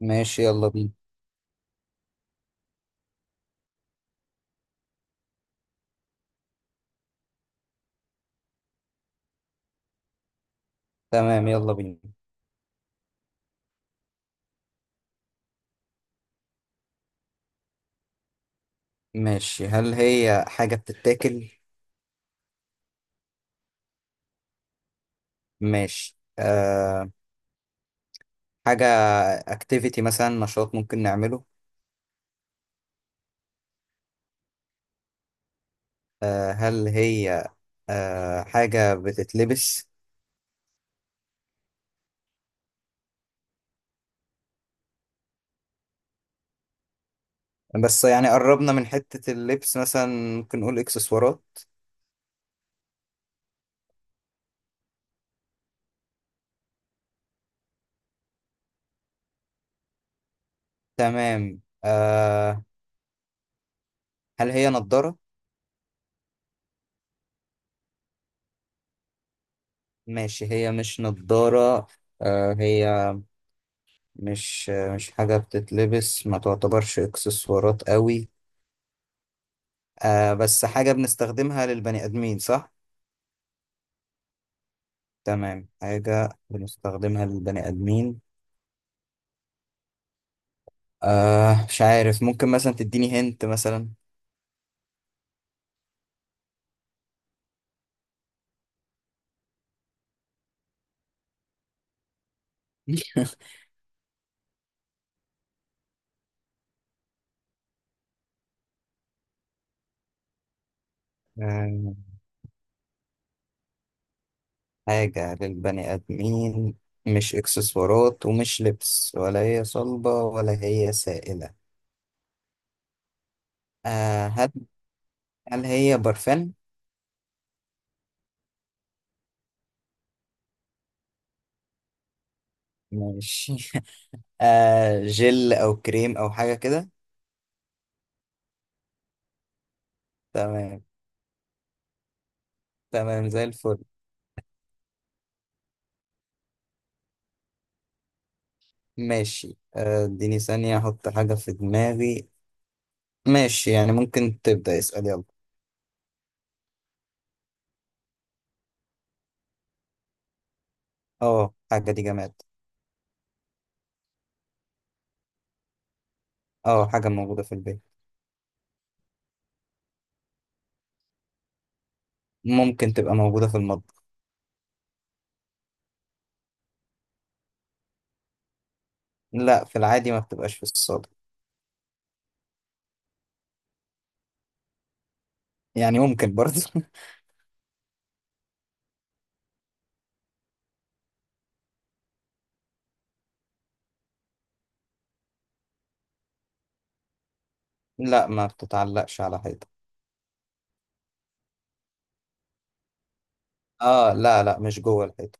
ماشي، يلا بينا. تمام، يلا بينا. ماشي، هل هي حاجة بتتاكل؟ ماشي. أه، حاجة اكتيفيتي مثلا، نشاط ممكن نعمله؟ أه، هل هي أه حاجة بتتلبس؟ بس يعني قربنا من حتة اللبس مثلا، ممكن نقول اكسسوارات. تمام. أه، هل هي نضارة؟ ماشي، هي مش نضارة. أه، هي مش حاجة بتتلبس، ما تعتبرش اكسسوارات قوي. آه بس حاجة بنستخدمها للبني آدمين، صح؟ تمام، حاجة بنستخدمها للبني آدمين. آه، مش عارف، ممكن مثلا تديني هنت مثلا. آه، حاجة للبني آدمين، مش إكسسوارات ومش لبس، ولا هي صلبة ولا هي سائلة. آه، هل هي برفان؟ ماشي. آه، جل أو كريم أو حاجة كده. تمام. تمام، زي الفل. ماشي. اديني ثانية أحط حاجة في دماغي. ماشي، يعني ممكن تبدأ اسأل، يلا. اه، حاجة دي جماد. اه، حاجة موجودة في البيت. ممكن تبقى موجودة في المطبخ. لا، في العادي ما بتبقاش في الصالة. يعني ممكن برضه. لا، ما بتتعلقش على حيطة. اه، لا لا، مش جوه الحيطة.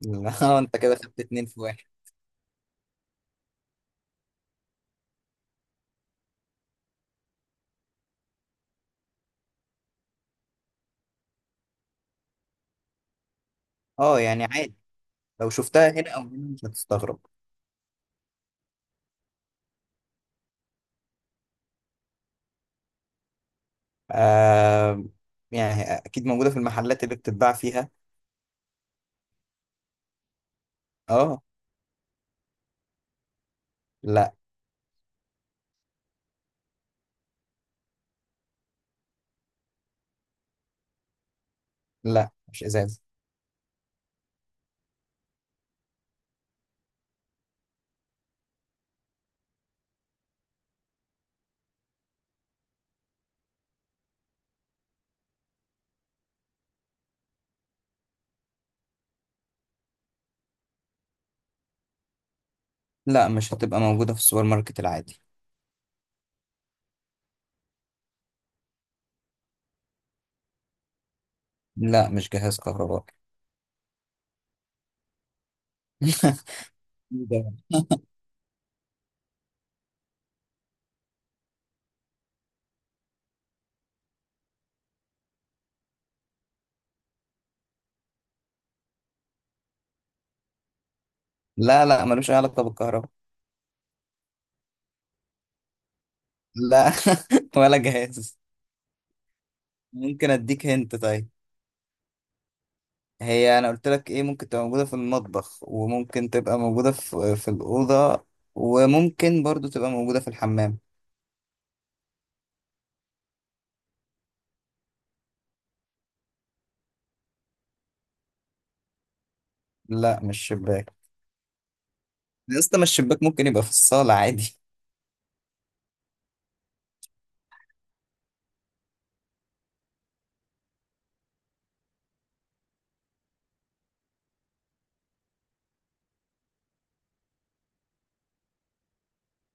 لا. انت كده خدت اتنين في واحد. اه، يعني عادي، لو شفتها هنا او هنا مش هتستغرب. آه، يعني اكيد موجودة في المحلات اللي بتتباع فيها. اه. لا لا، مش ازاز. لا، مش هتبقى موجودة في السوبر ماركت العادي. لا، مش جهاز كهربائي. ده. لا لا، ملوش أي علاقة بالكهرباء. لا. ولا جهاز. ممكن أديك هنت طيب. هي أنا قلت لك إيه، ممكن تبقى موجودة في المطبخ وممكن تبقى موجودة في الأوضة، وممكن برضو تبقى موجودة في الحمام. لا، مش شباك. يا اسطى، ما الشباك ممكن يبقى في الصالة عادي.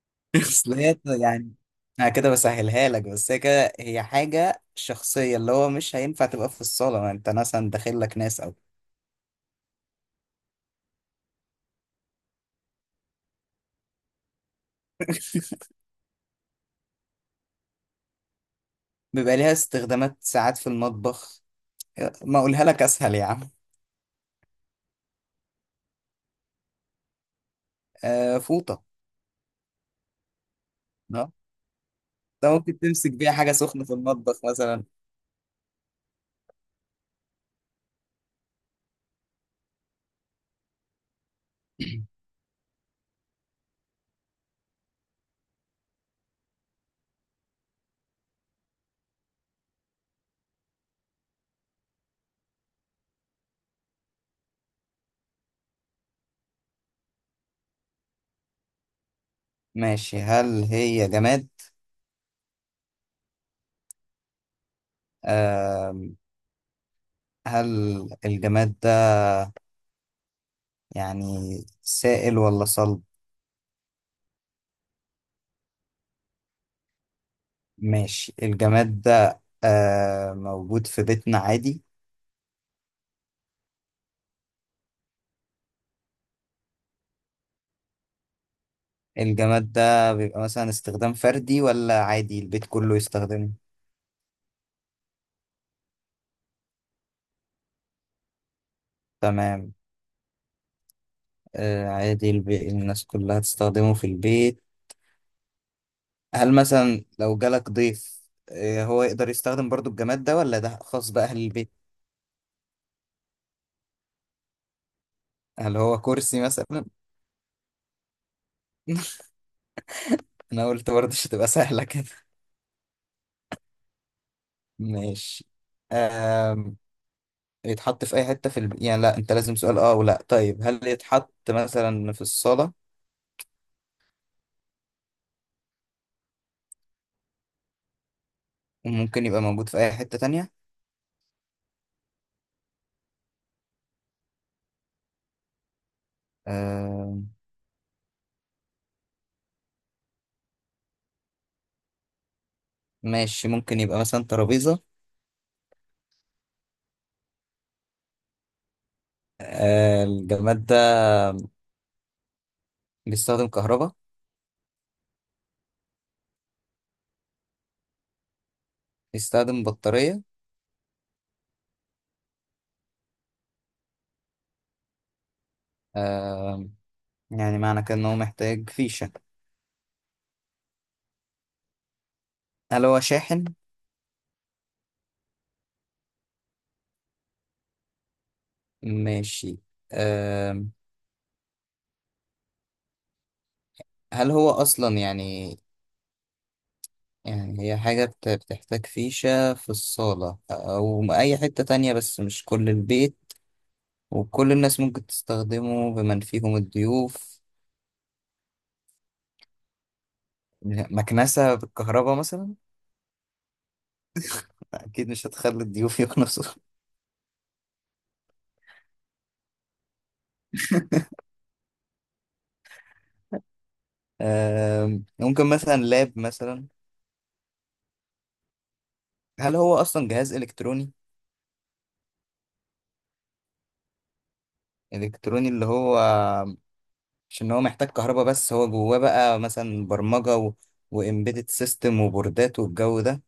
أصل هي يعني. أنا كده بسهلها لك، بس هي كده هي حاجة شخصية، اللي هو مش هينفع تبقى في الصالة، ما أنت مثلا داخل لك ناس أو. بيبقى ليها استخدامات ساعات في المطبخ. ما أقولها لك أسهل يا عم. آه، فوطة. اه. ده ممكن تمسك بيها حاجة سخنة في المطبخ مثلا. ماشي، هل هي جماد؟ آه، هل الجماد ده يعني سائل ولا صلب؟ ماشي، الجماد ده آه موجود في بيتنا عادي. الجماد ده بيبقى مثلا استخدام فردي، ولا عادي البيت كله يستخدمه؟ تمام. آه، عادي البي الناس كلها تستخدمه في البيت. هل مثلا لو جالك ضيف، هو يقدر يستخدم برضو الجماد ده، ولا ده خاص بأهل البيت؟ هل هو كرسي مثلا؟ انا قلت برضه مش هتبقى سهله كده. ماشي. أم... يتحط في اي حته في الب يعني لا انت لازم سؤال اه ولا، طيب هل يتحط مثلا في الصاله، وممكن يبقى موجود في اي حته تانية؟ أم... ماشي، ممكن يبقى مثلا ترابيزه؟ أه، الجماد ده بيستخدم كهرباء؟ بيستخدم بطاريه؟ أم... يعني معنى كده ان هو محتاج فيشه. هل هو شاحن؟ ماشي. أم... هل هو اصلا يعني، يعني هي حاجة بتحتاج فيشة في الصالة أو أي حتة تانية، بس مش كل البيت، وكل الناس ممكن تستخدمه بمن فيهم الضيوف. مكنسة بالكهرباء مثلا؟ أكيد مش هتخلي الضيوف يكنسوا. ممكن مثلا لاب مثلا؟ هل هو أصلا جهاز إلكتروني؟ إلكتروني اللي هو مش إن هو محتاج كهرباء، بس هو جواه بقى مثلا برمجة وإمبيدد سيستم وبوردات والجو ده.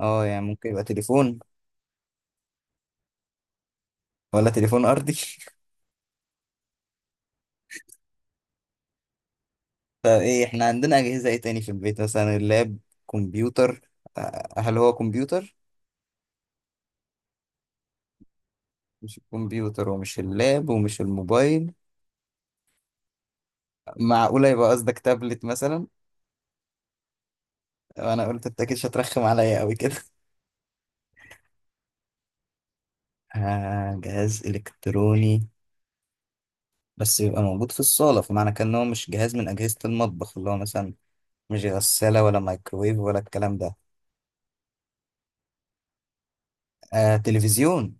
اه، يعني ممكن يبقى تليفون؟ ولا تليفون أرضي؟ طب ايه، احنا عندنا اجهزه ايه تاني في البيت؟ مثلا اللاب، كمبيوتر. هل هو كمبيوتر؟ مش الكمبيوتر ومش اللاب ومش الموبايل، معقوله يبقى قصدك تابلت مثلا؟ انا قلت انت اكيد مش هترخم عليا قوي كده. آه، جهاز الكتروني، بس يبقى موجود في الصاله، فمعنى كان إن هو مش جهاز من اجهزه المطبخ، اللي هو مثلا مش غساله ولا مايكرويف ولا الكلام ده. آه، تلفزيون.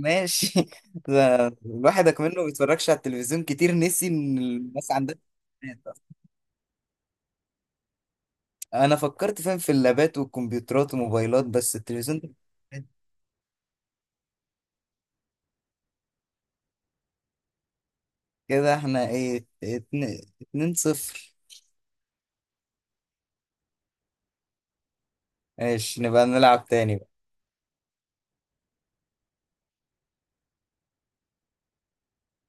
ماشي. ده الواحد منه ما بيتفرجش على التلفزيون كتير، نسي ان الناس عندها. انا فكرت فاهم في اللابات والكمبيوترات والموبايلات، بس التلفزيون ده. كده احنا ايه، اتنين, 2-0. ماشي، نبقى نلعب تاني.